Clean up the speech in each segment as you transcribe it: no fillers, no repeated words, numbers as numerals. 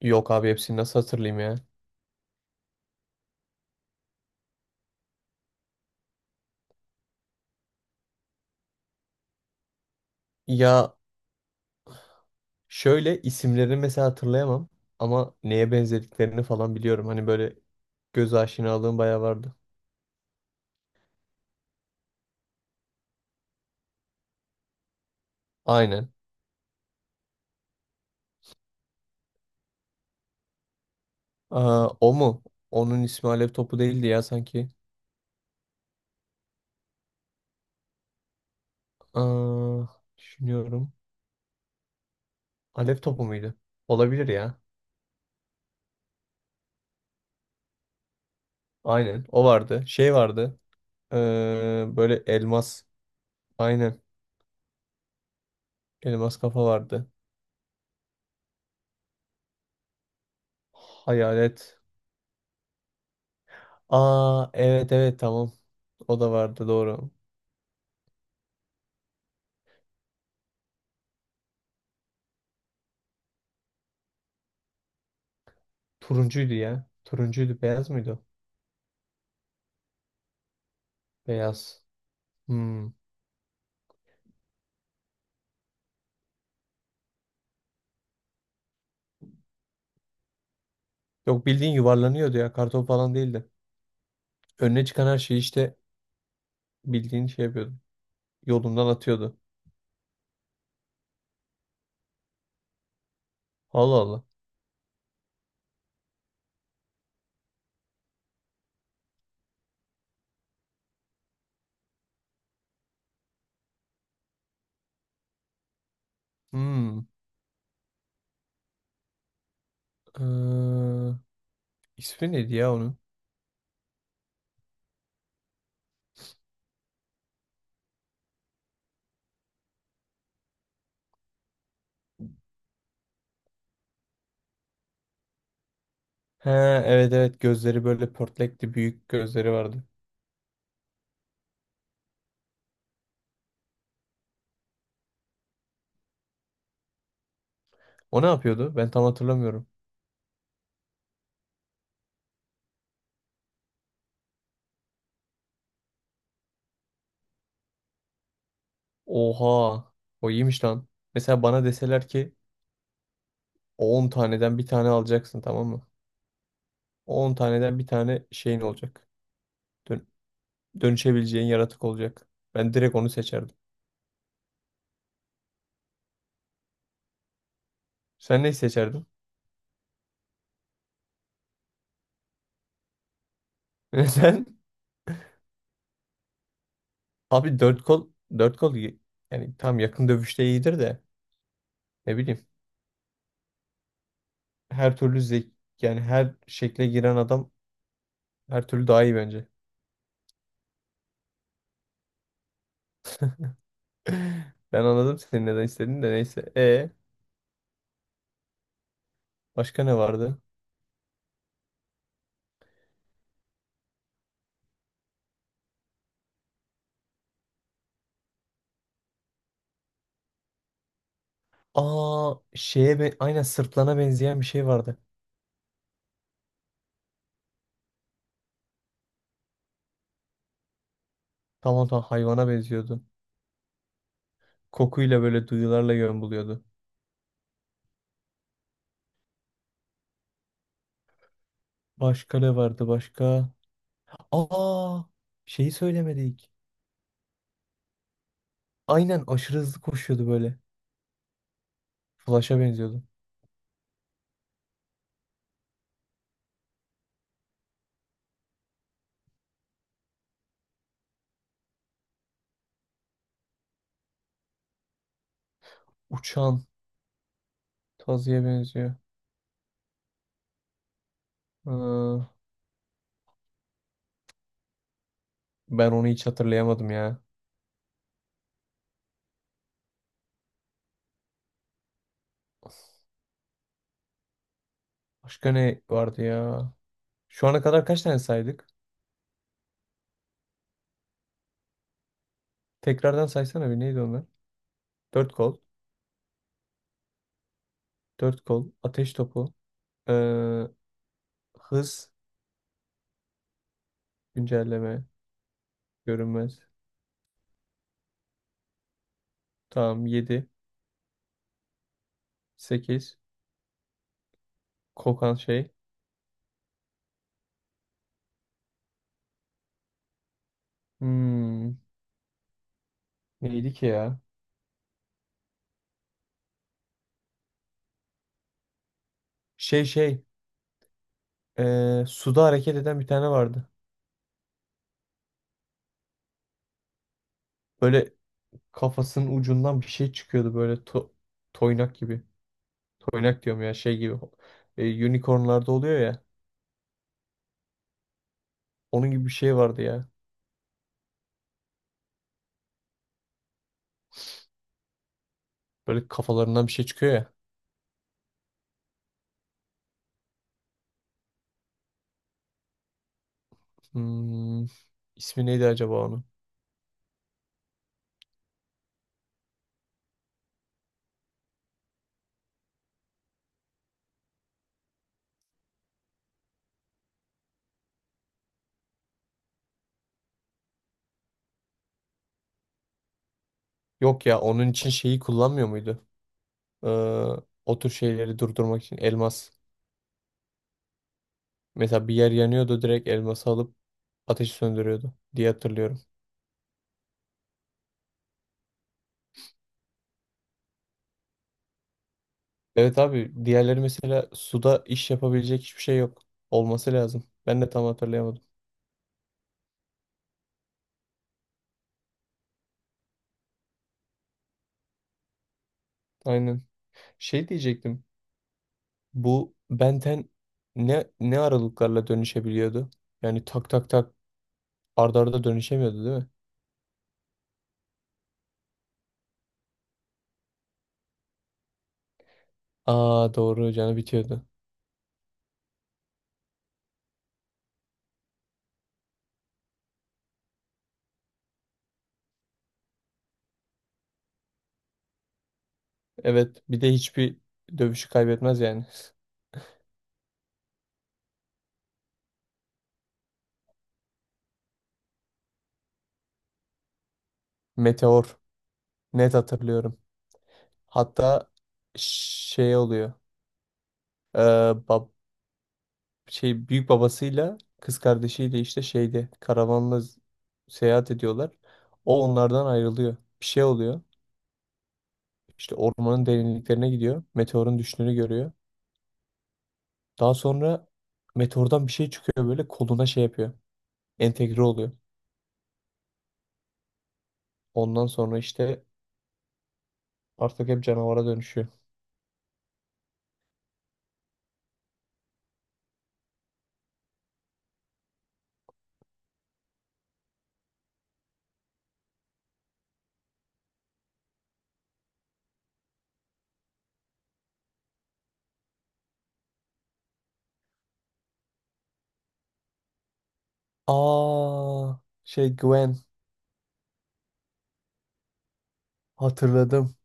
Yok abi hepsini nasıl hatırlayayım ya? Ya şöyle isimlerini mesela hatırlayamam ama neye benzediklerini falan biliyorum. Hani böyle göz aşinalığım bayağı vardı. Aynen. Aa, o mu? Onun ismi Alev Topu değildi ya sanki. Aa, düşünüyorum. Alev Topu muydu? Olabilir ya. Aynen. O vardı. Şey vardı. Böyle elmas. Aynen. Elmas kafa vardı. Hayalet. Aa, evet evet, tamam. O da vardı, doğru. Turuncuydu ya. Turuncuydu. Beyaz mıydı? O? Beyaz. Hmm. Yok, bildiğin yuvarlanıyordu ya. Karton falan değildi. Önüne çıkan her şeyi işte bildiğin şey yapıyordu. Yolundan atıyordu. Allah Allah. Hmm. Ee, ismi neydi ya onun? He, evet evet, gözleri böyle pörtlekti. Büyük gözleri vardı. O ne yapıyordu? Ben tam hatırlamıyorum. Oha. O iyiymiş lan. Mesela bana deseler ki 10 taneden bir tane alacaksın, tamam mı? 10 taneden bir tane şeyin olacak. Dön- Dönüşebileceğin yaratık olacak. Ben direkt onu seçerdim. Sen neyi seçerdin? Sen, abi dört kol, dört kol iyi. Yani tam yakın dövüşte iyidir de, ne bileyim, her türlü yani, her şekle giren adam her türlü daha iyi bence. Ben anladım senin neden istediğini de, neyse. Başka ne vardı? Aa, şeye be, aynen, sırtlana benzeyen bir şey vardı. Tamam tamam, hayvana benziyordu. Kokuyla, böyle duyularla yön buluyordu. Başka ne vardı başka? Aa, şeyi söylemedik. Aynen, aşırı hızlı koşuyordu böyle. Flash'a benziyordu. Uçan Tazi'ye benziyor. Aa, ben onu hiç hatırlayamadım ya. Başka ne vardı ya? Şu ana kadar kaç tane saydık? Tekrardan saysana bir, neydi onlar? Dört kol, dört kol, ateş topu, ee, hız, güncelleme, görünmez. Tamam, 7, 8. Kokan şey. Hmm, neydi ki ya? Şey, suda hareket eden bir tane vardı. Böyle kafasının ucundan bir şey çıkıyordu, böyle toynak gibi. Toynak diyorum ya, şey gibi. Unicornlarda oluyor ya. Onun gibi bir şey vardı ya. Böyle kafalarından bir şey çıkıyor ya. Hmm, ismi neydi acaba onun? Yok ya, onun için şeyi kullanmıyor muydu? Ee, O tür şeyleri durdurmak için elmas. Mesela bir yer yanıyordu, direkt elması alıp ateşi söndürüyordu diye hatırlıyorum. Evet abi, diğerleri mesela suda iş yapabilecek hiçbir şey yok. Olması lazım. Ben de tam hatırlayamadım. Aynen. Şey diyecektim. Bu Benten ne aralıklarla dönüşebiliyordu? Yani tak tak tak, arda arda dönüşemiyordu, değil mi? Aa doğru, canı bitiyordu. Evet, bir de hiçbir dövüşü kaybetmez yani. Meteor. Net hatırlıyorum. Hatta şey oluyor. Ee, bab şey büyük babasıyla kız kardeşiyle işte şeyde karavanla seyahat ediyorlar. O onlardan ayrılıyor. Bir şey oluyor. İşte ormanın derinliklerine gidiyor. Meteorun düştüğünü görüyor. Daha sonra meteordan bir şey çıkıyor, böyle koluna şey yapıyor. Entegre oluyor. Ondan sonra işte artık hep canavara dönüşüyor. Aa, şey, Gwen, hatırladım.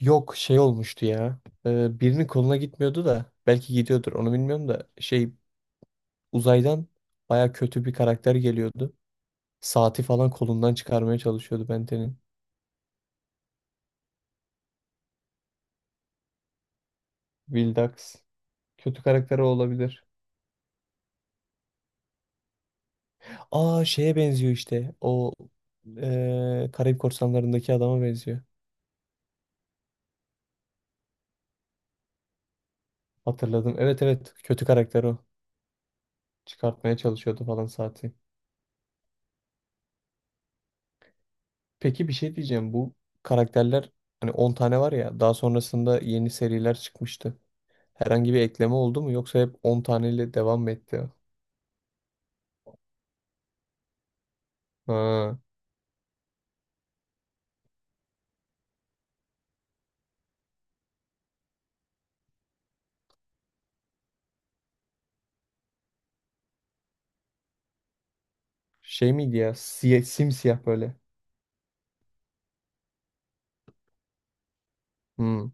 Yok, şey olmuştu ya. Birinin koluna gitmiyordu da, belki gidiyordur onu bilmiyorum da, şey, uzaydan baya kötü bir karakter geliyordu. Saati falan kolundan çıkarmaya çalışıyordu Benten'in. Vildax. Kötü karakter olabilir. Aa, şeye benziyor işte. O, Karayip Korsanları'ndaki adama benziyor. Hatırladım. Evet evet. Kötü karakter o. Çıkartmaya çalışıyordu falan saati. Peki bir şey diyeceğim. Bu karakterler hani 10 tane var ya. Daha sonrasında yeni seriler çıkmıştı. Herhangi bir ekleme oldu mu? Yoksa hep 10 taneyle devam mı etti? Ha. Şey miydi ya? Siyah, simsiyah böyle. Hmm.